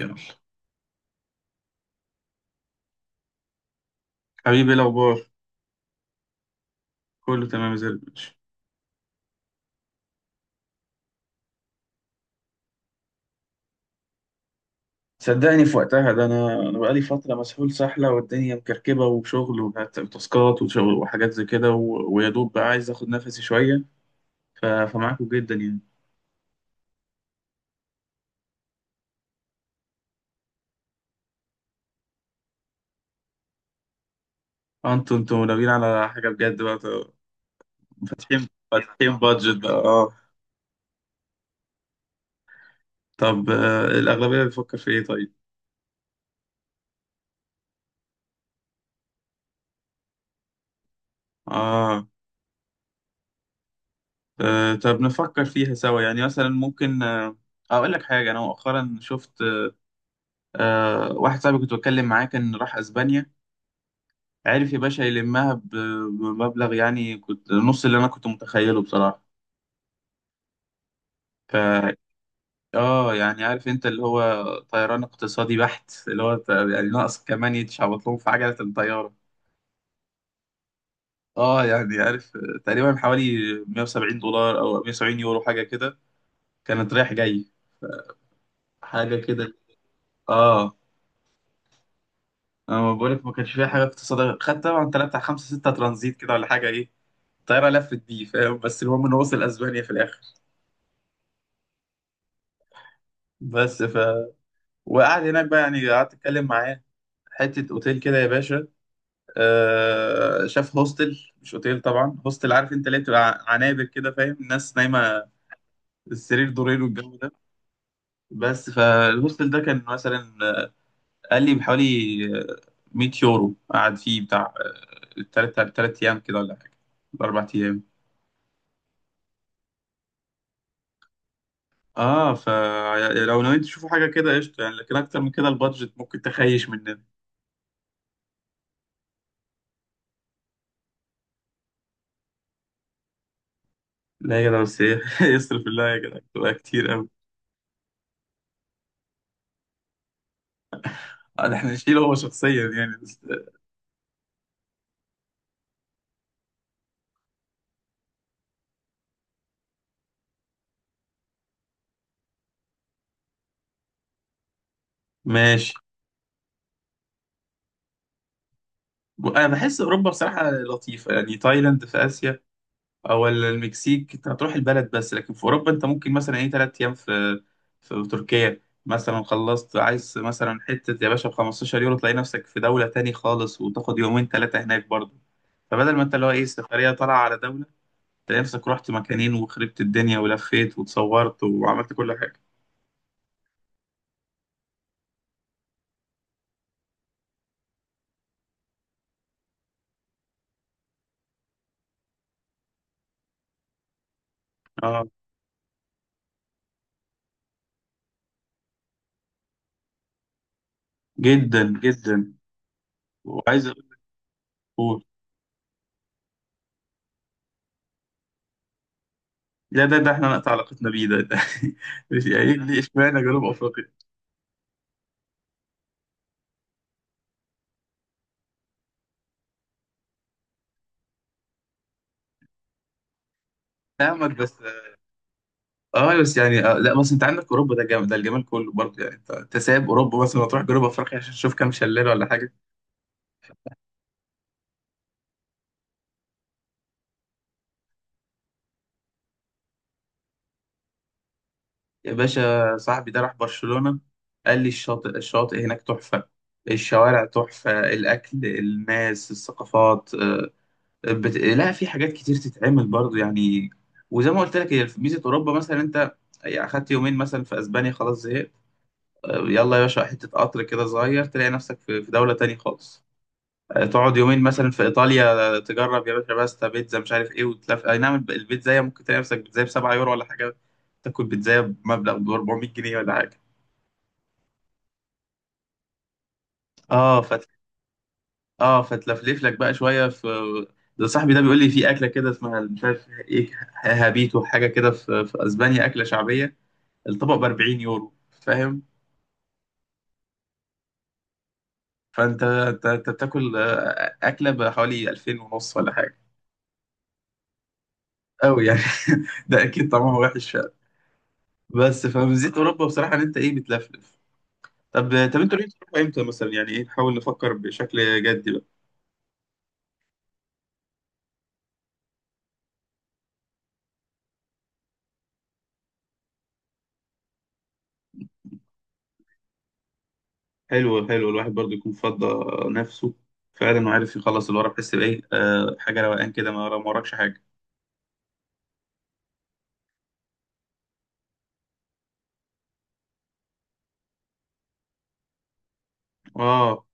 يلا. حبيبي إيه الأخبار؟ كله تمام زي الفل. صدقني في وقتها ده أنا بقالي فترة مسحول سحلة والدنيا مكركبة وشغل وتاسكات وشغل وحاجات زي كده ويا دوب بقى عايز آخد نفسي شوية. فمعاكم جدا يعني. أنتوا ناويين على حاجة بجد بقى فاتحين بادجت بقى أه؟ طب الأغلبية بتفكر في إيه طيب؟ آه. طب نفكر فيها سوا يعني مثلا ممكن، أقول لك حاجة. أنا مؤخرا شفت، واحد صاحبي كنت بتكلم معاه كان راح أسبانيا. عرف يا باشا يلمها بمبلغ يعني كنت نص اللي انا كنت متخيله بصراحة. ف اه، يعني عارف انت اللي هو طيران اقتصادي بحت اللي هو، يعني ناقص كمان يتشعبط لهم في عجلة الطيارة. اه يعني عارف، تقريبا حوالي 170 دولار او 170 يورو حاجة كده، كانت رايح جاي حاجة كده. اه، انا ما بقولك ما كانش فيها حاجة اقتصادية، خدت طبعا تلاتة بتاع خمسة ستة ترانزيت كده ولا حاجة ايه، الطيارة لفت بيه فاهم، بس المهم انه وصل اسبانيا في الاخر. بس وقعد هناك بقى يعني قعدت اتكلم معاه، حته اوتيل كده يا باشا. آه شاف هوستل مش اوتيل طبعا، هوستل عارف انت ليه بتبقى عنابر كده فاهم، الناس نايمه، السرير دورين والجو ده. بس فالهوستل ده كان مثلا، قال لي بحوالي، آه، 100 يورو قعد فيه بتاع، تلات ايام كده ولا حاجه، اربع ايام. اه، فلو نويت تشوفوا حاجه كده قشطه يعني، لكن اكتر من كده البادجت ممكن تخيش مننا. لا يا جدع بس ايه يصرف الله يا جدع تبقى كتير قوي. احنا نشيله هو شخصيا يعني؟ ماشي. انا بحس اوروبا بصراحه لطيفه يعني. تايلاند في اسيا او المكسيك انت هتروح البلد بس، لكن في اوروبا انت ممكن مثلا ايه ثلاث ايام في في تركيا مثلا، خلصت عايز مثلا حته يا باشا، ب 15 يورو تلاقي نفسك في دوله تاني خالص، وتاخد يومين ثلاثه هناك برضه. فبدل ما انت اللي هو ايه سفريه طالعه على دوله، تلاقي نفسك رحت مكانين وخربت الدنيا ولفيت وتصورت وعملت كل حاجه. اه. جدا جدا. وعايز. لا ده احنا نقطع علاقتنا بيه ده, ده. مش يعني ليه اشمعنى جنوب افريقيا. فاهمك بس. اه بس يعني، لا بس انت عندك اوروبا ده جامد ده، الجمال كله برضه يعني. انت سايب اوروبا مثلا وتروح جنوب افريقيا عشان تشوف كام شلال ولا حاجه؟ يا باشا صاحبي ده راح برشلونه، قال لي الشاطئ هناك تحفه، الشوارع تحفه، الاكل الناس الثقافات، لا في حاجات كتير تتعمل برضه يعني. وزي ما قلت لك، هي ميزه اوروبا مثلا، انت يعني اخدت يومين مثلا في اسبانيا خلاص زهقت، يلا يا باشا حتة قطر كده صغير تلاقي نفسك في دولة تانية خالص. تقعد يومين مثلا في إيطاليا، تجرب يا باشا باستا بيتزا مش عارف إيه وتلف، أي نعم البيتزاية ممكن تلاقي نفسك بيتزاية بسبعة يورو ولا حاجة. تاكل بيتزاية بمبلغ ب 400 جنيه ولا حاجة. اه فتلفلف لك بقى شوية في. ده صاحبي ده بيقول لي في أكلة كده اسمها مش عارف إيه، هابيتو حاجة كده في أسبانيا أكلة شعبية، الطبق ب 40 يورو فاهم؟ فأنت أنت بتاكل، أكلة بحوالي 2000 ونص ولا حاجة قوي يعني. ده اكيد طعمها وحش فعلا. بس فميزة اوروبا بصراحه ان انت ايه، بتلفلف. طب. انتوا ناويين تروحوا امتى مثلا؟ يعني ايه، نحاول نفكر بشكل جدي بقى. حلو حلو، الواحد برضو يكون فضى نفسه فعلا، وعارف يخلص اللي وراه بحس بايه، حاجه روقان كده، ما وراكش حاجه. اه،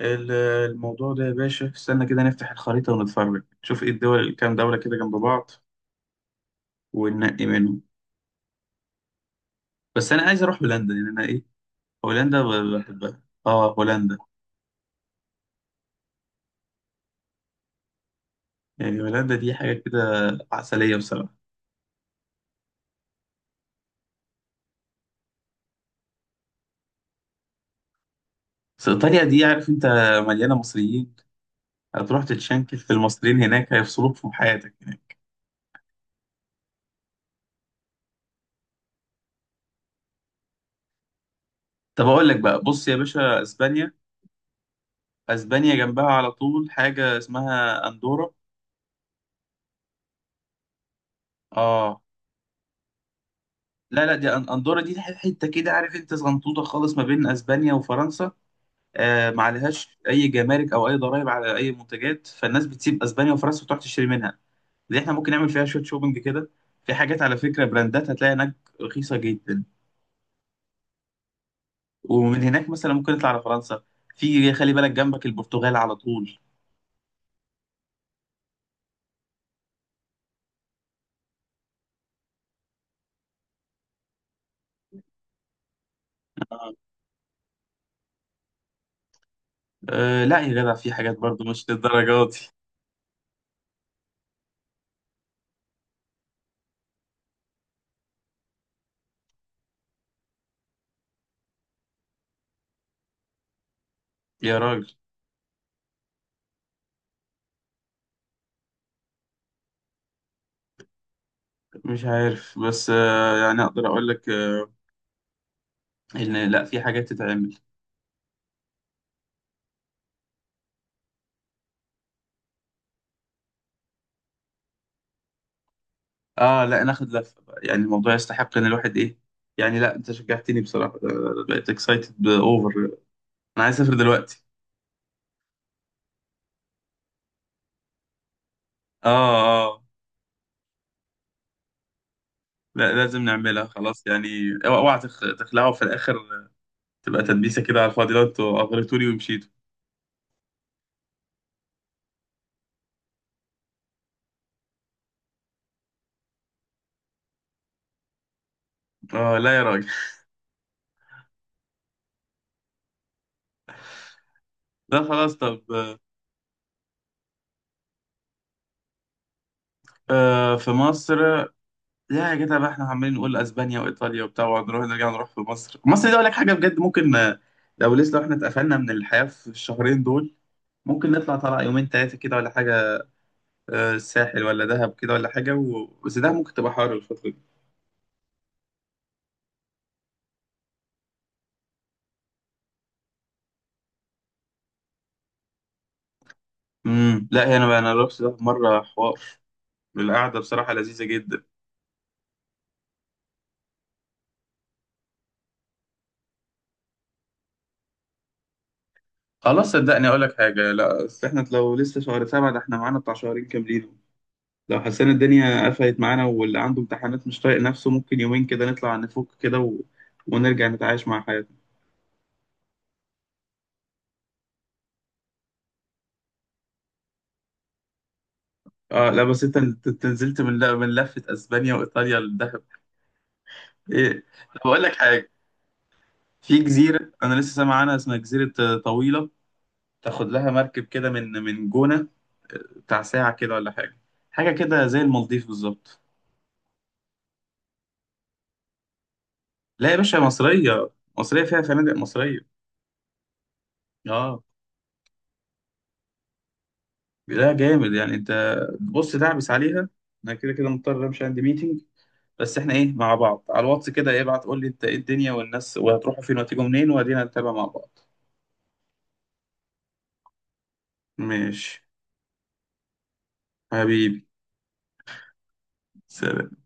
ال- الموضوع ده يا باشا استنى كده، نفتح الخريطه ونتفرج نشوف ايه الدول، كام دوله كده جنب بعض وننقي منهم. بس انا عايز اروح هولندا يعني انا ايه، هولندا بحبها، اه هولندا. يعني هولندا دي حاجة كده عسلية بصراحة. بس إيطاليا دي عارف أنت، مليانة مصريين، هتروح تتشنكل في المصريين هناك هيفصلوك في حياتك هناك. طب أقول لك بقى، بص يا باشا أسبانيا، أسبانيا جنبها على طول حاجة اسمها أندورا. آه. لا لا، دي أندورا دي حتة كده عارف أنت، صغنطوطة خالص ما بين أسبانيا وفرنسا. آه، ما عليهاش أي جمارك أو أي ضرائب على أي منتجات، فالناس بتسيب أسبانيا وفرنسا وتروح تشتري منها. دي إحنا ممكن نعمل فيها شوية شوبينج كده، في حاجات على فكرة، براندات هتلاقي هناك رخيصة جدا. ومن هناك مثلا ممكن نطلع على فرنسا، في خلي بالك جنبك البرتغال على طول. آه. أه لا يا جدع في حاجات برضو مش للدرجة دي. يا راجل. مش عارف، بس أه يعني اقدر اقول لك أه، ان لا في حاجات تتعمل. اه، لا ناخد لفة بقى، يعني الموضوع يستحق ان الواحد ايه، يعني لا انت شجعتني بصراحة، بقيت اكسايتد اوفر، انا عايز اسافر دلوقتي. اه اه. لا لازم نعملها خلاص يعني. اوعى اوعى تخلعوا في الاخر، تبقى تدبيسة كده على الفاضي لو انتوا اغريتوني ومشيتوا. اه لا يا راجل. ده خلاص. طب. آه، في مصر. لا يا جدع بقى، احنا عمالين نقول اسبانيا وايطاليا وبتاع ونروح نرجع نروح في مصر. مصر دي اقول لك حاجه بجد، ممكن، لو لسه لو احنا اتقفلنا من الحياه في الشهرين دول ممكن نطلع طلع يومين ثلاثه كده ولا حاجه، الساحل ولا دهب كده ولا حاجه بس دهب ممكن تبقى حر الفتره دي. لا هي انا بقى انا رحت دهب مره حوار، القعده بصراحه لذيذه جدا. خلاص صدقني اقول لك حاجه، لا أصل احنا لو لسه شهر سبعه ده احنا معانا بتاع شهرين كاملين، لو حسينا الدنيا قفلت معانا واللي عنده امتحانات مش طايق نفسه ممكن يومين كده نطلع نفك كده ونرجع نتعايش مع حياتنا. اه لا بس انت، انت نزلت من من لفة اسبانيا وايطاليا للدهب. ايه. طب اقول لك حاجة، في جزيرة انا لسه سامع عنها اسمها جزيرة، طويلة، تاخد لها مركب كده من جونة، بتاع ساعة كده ولا حاجة، حاجة كده زي المالديف بالظبط. لا يا باشا مصرية، مصرية فيها فنادق مصرية. اه. لا جامد يعني، انت بص دعبس عليها. انا كده كده مضطر امشي، عندي ميتنج، بس احنا ايه مع بعض على الواتس كده، ايه ابعت قول لي انت ايه الدنيا والناس وهتروحوا فين وهتيجوا منين وادينا نتابع مع بعض. ماشي. حبيبي. سلام.